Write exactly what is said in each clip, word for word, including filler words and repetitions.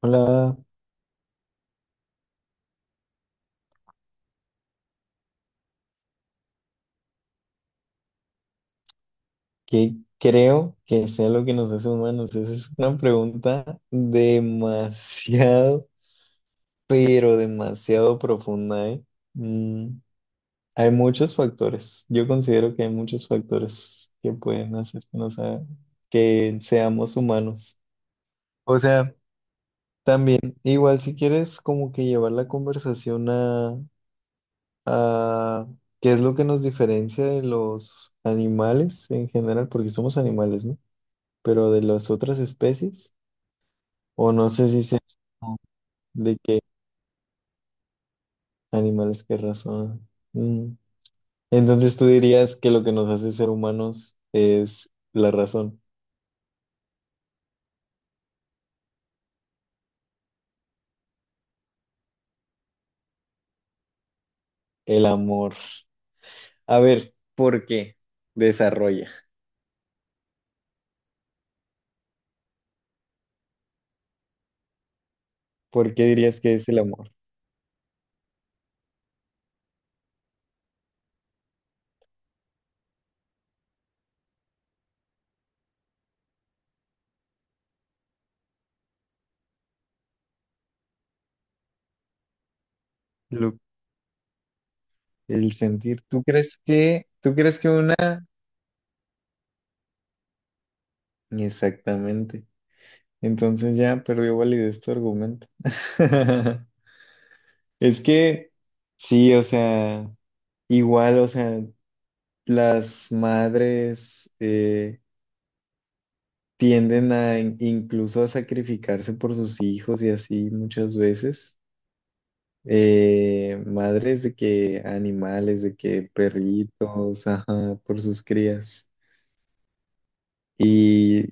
Hola, ¿qué creo que sea lo que nos hace humanos? Esa es una pregunta demasiado, pero demasiado profunda, ¿eh? Mm, hay muchos factores. Yo considero que hay muchos factores que pueden hacer que nos haga- que seamos humanos. O sea, también, igual si quieres como que llevar la conversación a, a qué es lo que nos diferencia de los animales en general, porque somos animales, ¿no? Pero de las otras especies, o no sé si sea de qué animales que razón. Mm. Entonces tú dirías que lo que nos hace ser humanos es la razón, el amor. A ver, ¿por qué? Desarrolla. ¿Por qué dirías que es el amor? Lo- el sentir. ¿Tú crees que, tú crees que una... Exactamente. Entonces ya perdió validez tu argumento. Es que, sí, o sea, igual, o sea... las madres eh, tienden a in- incluso a sacrificarse por sus hijos y así muchas veces. Eh, madres de que animales, de que perritos, ajá, por sus crías. ¿Y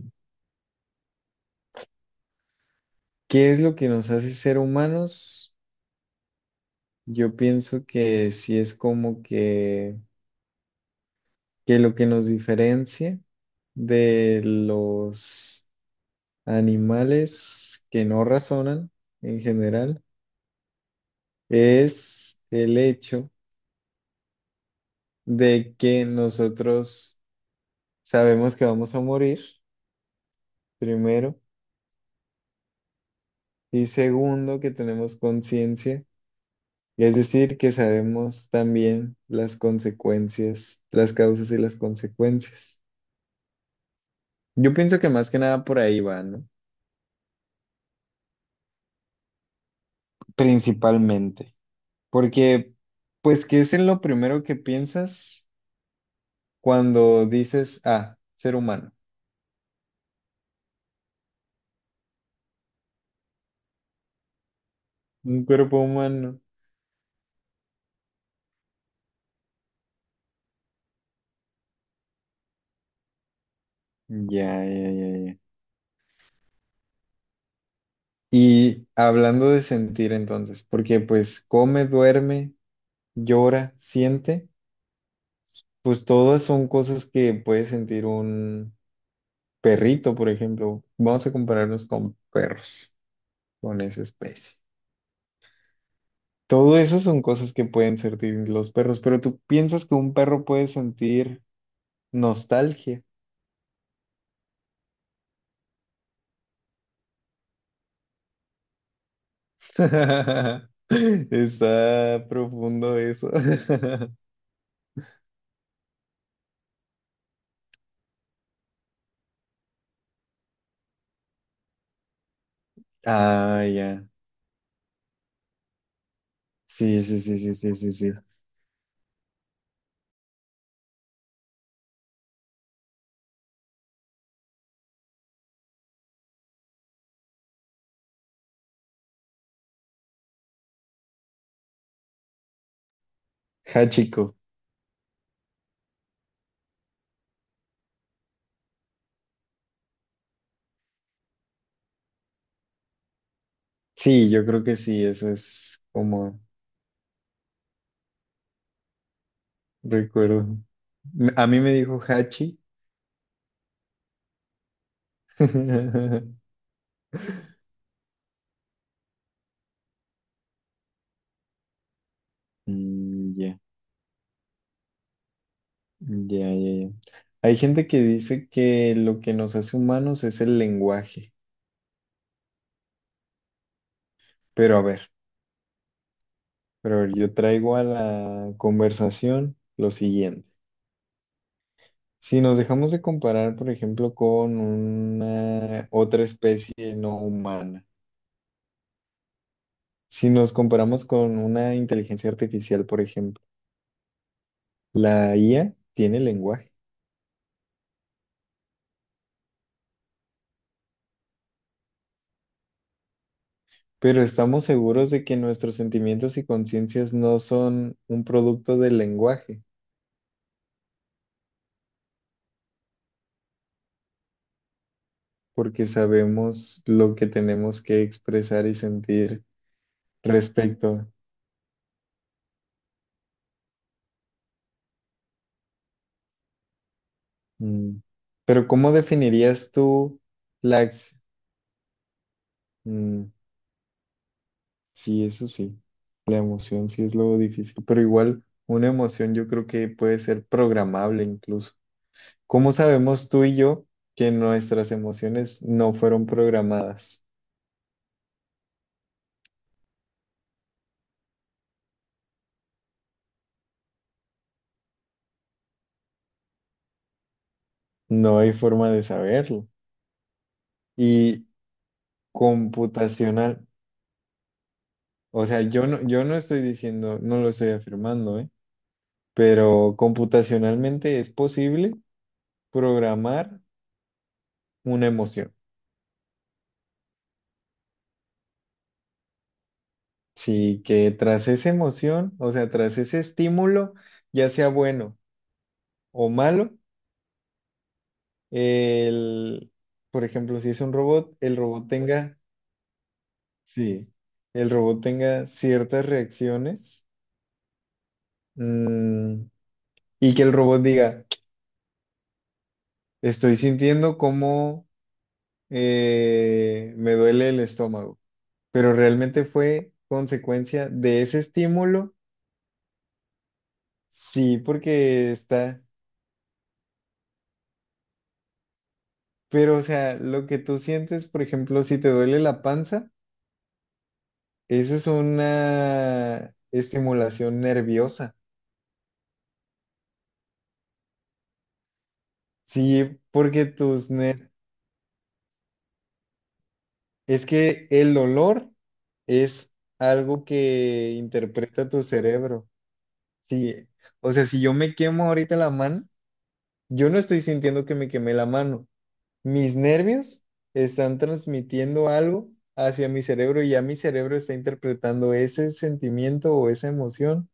qué es lo que nos hace ser humanos? Yo pienso que sí es como que, que lo que nos diferencia de los animales que no razonan en general es el hecho de que nosotros sabemos que vamos a morir, primero, y segundo, que tenemos conciencia, es decir, que sabemos también las consecuencias, las causas y las consecuencias. Yo pienso que más que nada por ahí va, ¿no? Principalmente, porque pues que es en lo primero que piensas cuando dices, ah, ser humano, un cuerpo humano. Ya, ya, ya, ya. Y hablando de sentir entonces, porque pues come, duerme, llora, siente, pues todas son cosas que puede sentir un perrito, por ejemplo. Vamos a compararnos con perros, con esa especie. Todo eso son cosas que pueden sentir los perros, pero tú piensas que un perro puede sentir nostalgia. Está profundo eso. Ah, ya. Sí, sí, sí, sí, sí, sí, sí. Hachiko. Sí, yo creo que sí, eso es como recuerdo. Me- A mí me dijo Hachi. Mm, ya, ya, ya, ya. Hay gente que dice que lo que nos hace humanos es el lenguaje, pero a ver, pero a ver, yo traigo a la conversación lo siguiente. Si nos dejamos de comparar, por ejemplo, con una otra especie no humana, si nos comparamos con una inteligencia artificial, por ejemplo, la I A tiene lenguaje. Pero estamos seguros de que nuestros sentimientos y conciencias no son un producto del lenguaje, porque sabemos lo que tenemos que expresar y sentir respecto. Mm. Pero ¿cómo definirías tú la... ex- mm, sí, eso sí, la emoción sí es lo difícil, pero igual una emoción yo creo que puede ser programable incluso. ¿Cómo sabemos tú y yo que nuestras emociones no fueron programadas? No hay forma de saberlo. Y computacional, o sea, yo no, yo no estoy diciendo, no lo estoy afirmando, ¿eh? Pero computacionalmente es posible programar una emoción. Sí, que tras esa emoción, o sea, tras ese estímulo, ya sea bueno o malo, el, por ejemplo, si es un robot, el robot tenga, sí, el robot tenga ciertas reacciones, mm, y que el robot diga, estoy sintiendo como eh, me duele el estómago, pero realmente fue consecuencia de ese estímulo, sí, porque está, pero o sea, lo que tú sientes, por ejemplo, si te duele la panza, eso es una estimulación nerviosa, sí, porque tus ner- es que el dolor es algo que interpreta tu cerebro, sí, o sea, si yo me quemo ahorita la mano, yo no estoy sintiendo que me quemé la mano. Mis nervios están transmitiendo algo hacia mi cerebro y ya mi cerebro está interpretando ese sentimiento o esa emoción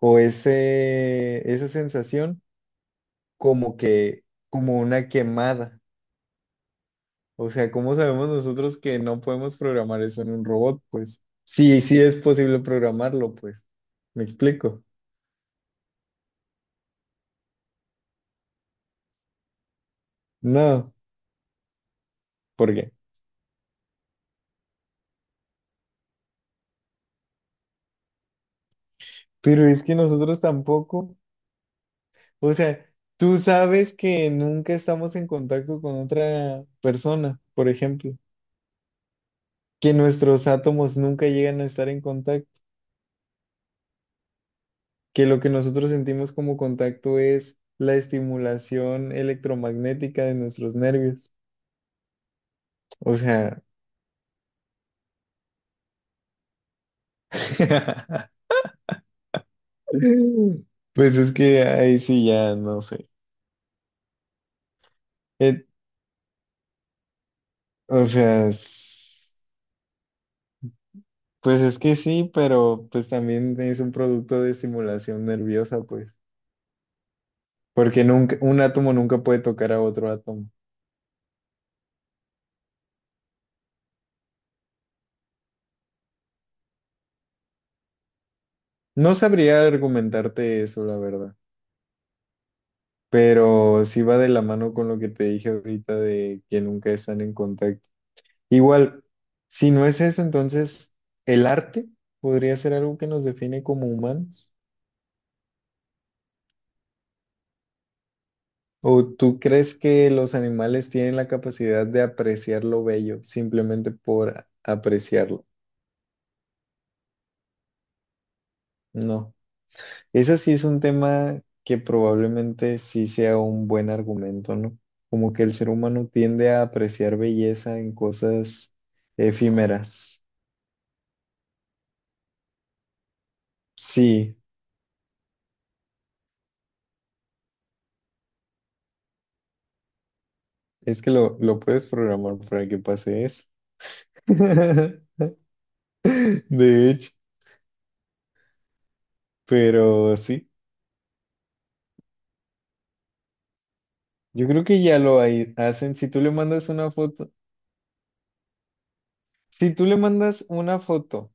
o ese, esa sensación como que, como una quemada. O sea, ¿cómo sabemos nosotros que no podemos programar eso en un robot? Pues sí, sí es posible programarlo, pues. ¿Me explico? No, ¿por qué? Pero es que nosotros tampoco. O sea, tú sabes que nunca estamos en contacto con otra persona, por ejemplo, que nuestros átomos nunca llegan a estar en contacto, que lo que nosotros sentimos como contacto es la estimulación electromagnética de nuestros nervios. O sea, pues es que ahí sí ya no sé. Eh, o sea, s- pues es que sí, pero pues también es un producto de estimulación nerviosa, pues. Porque nunca, un átomo nunca puede tocar a otro átomo. No sabría argumentarte eso, la verdad. Pero sí va de la mano con lo que te dije ahorita de que nunca están en contacto. Igual, si no es eso, entonces el arte podría ser algo que nos define como humanos. ¿O tú crees que los animales tienen la capacidad de apreciar lo bello simplemente por apreciarlo? No. Ese sí es un tema que probablemente sí sea un buen argumento, ¿no? Como que el ser humano tiende a apreciar belleza en cosas efímeras. Sí, es que lo, lo puedes programar para que pase eso. De hecho, pero sí, yo creo que ya lo hay- hacen. Si tú le mandas una foto, si tú le mandas una foto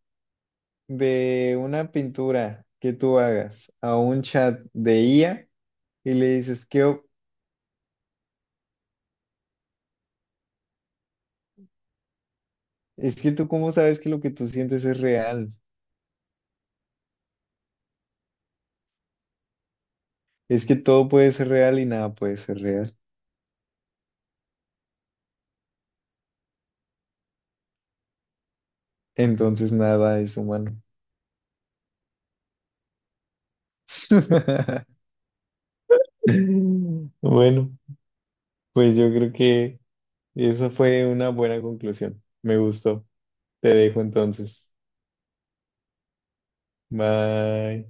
de una pintura que tú hagas a un chat de I A y le dices, ¿qué, es que tú cómo sabes que lo que tú sientes es real. Es que todo puede ser real y nada puede ser real. Entonces nada es humano. Bueno, pues yo creo que esa fue una buena conclusión. Me gustó. Te dejo entonces. Bye.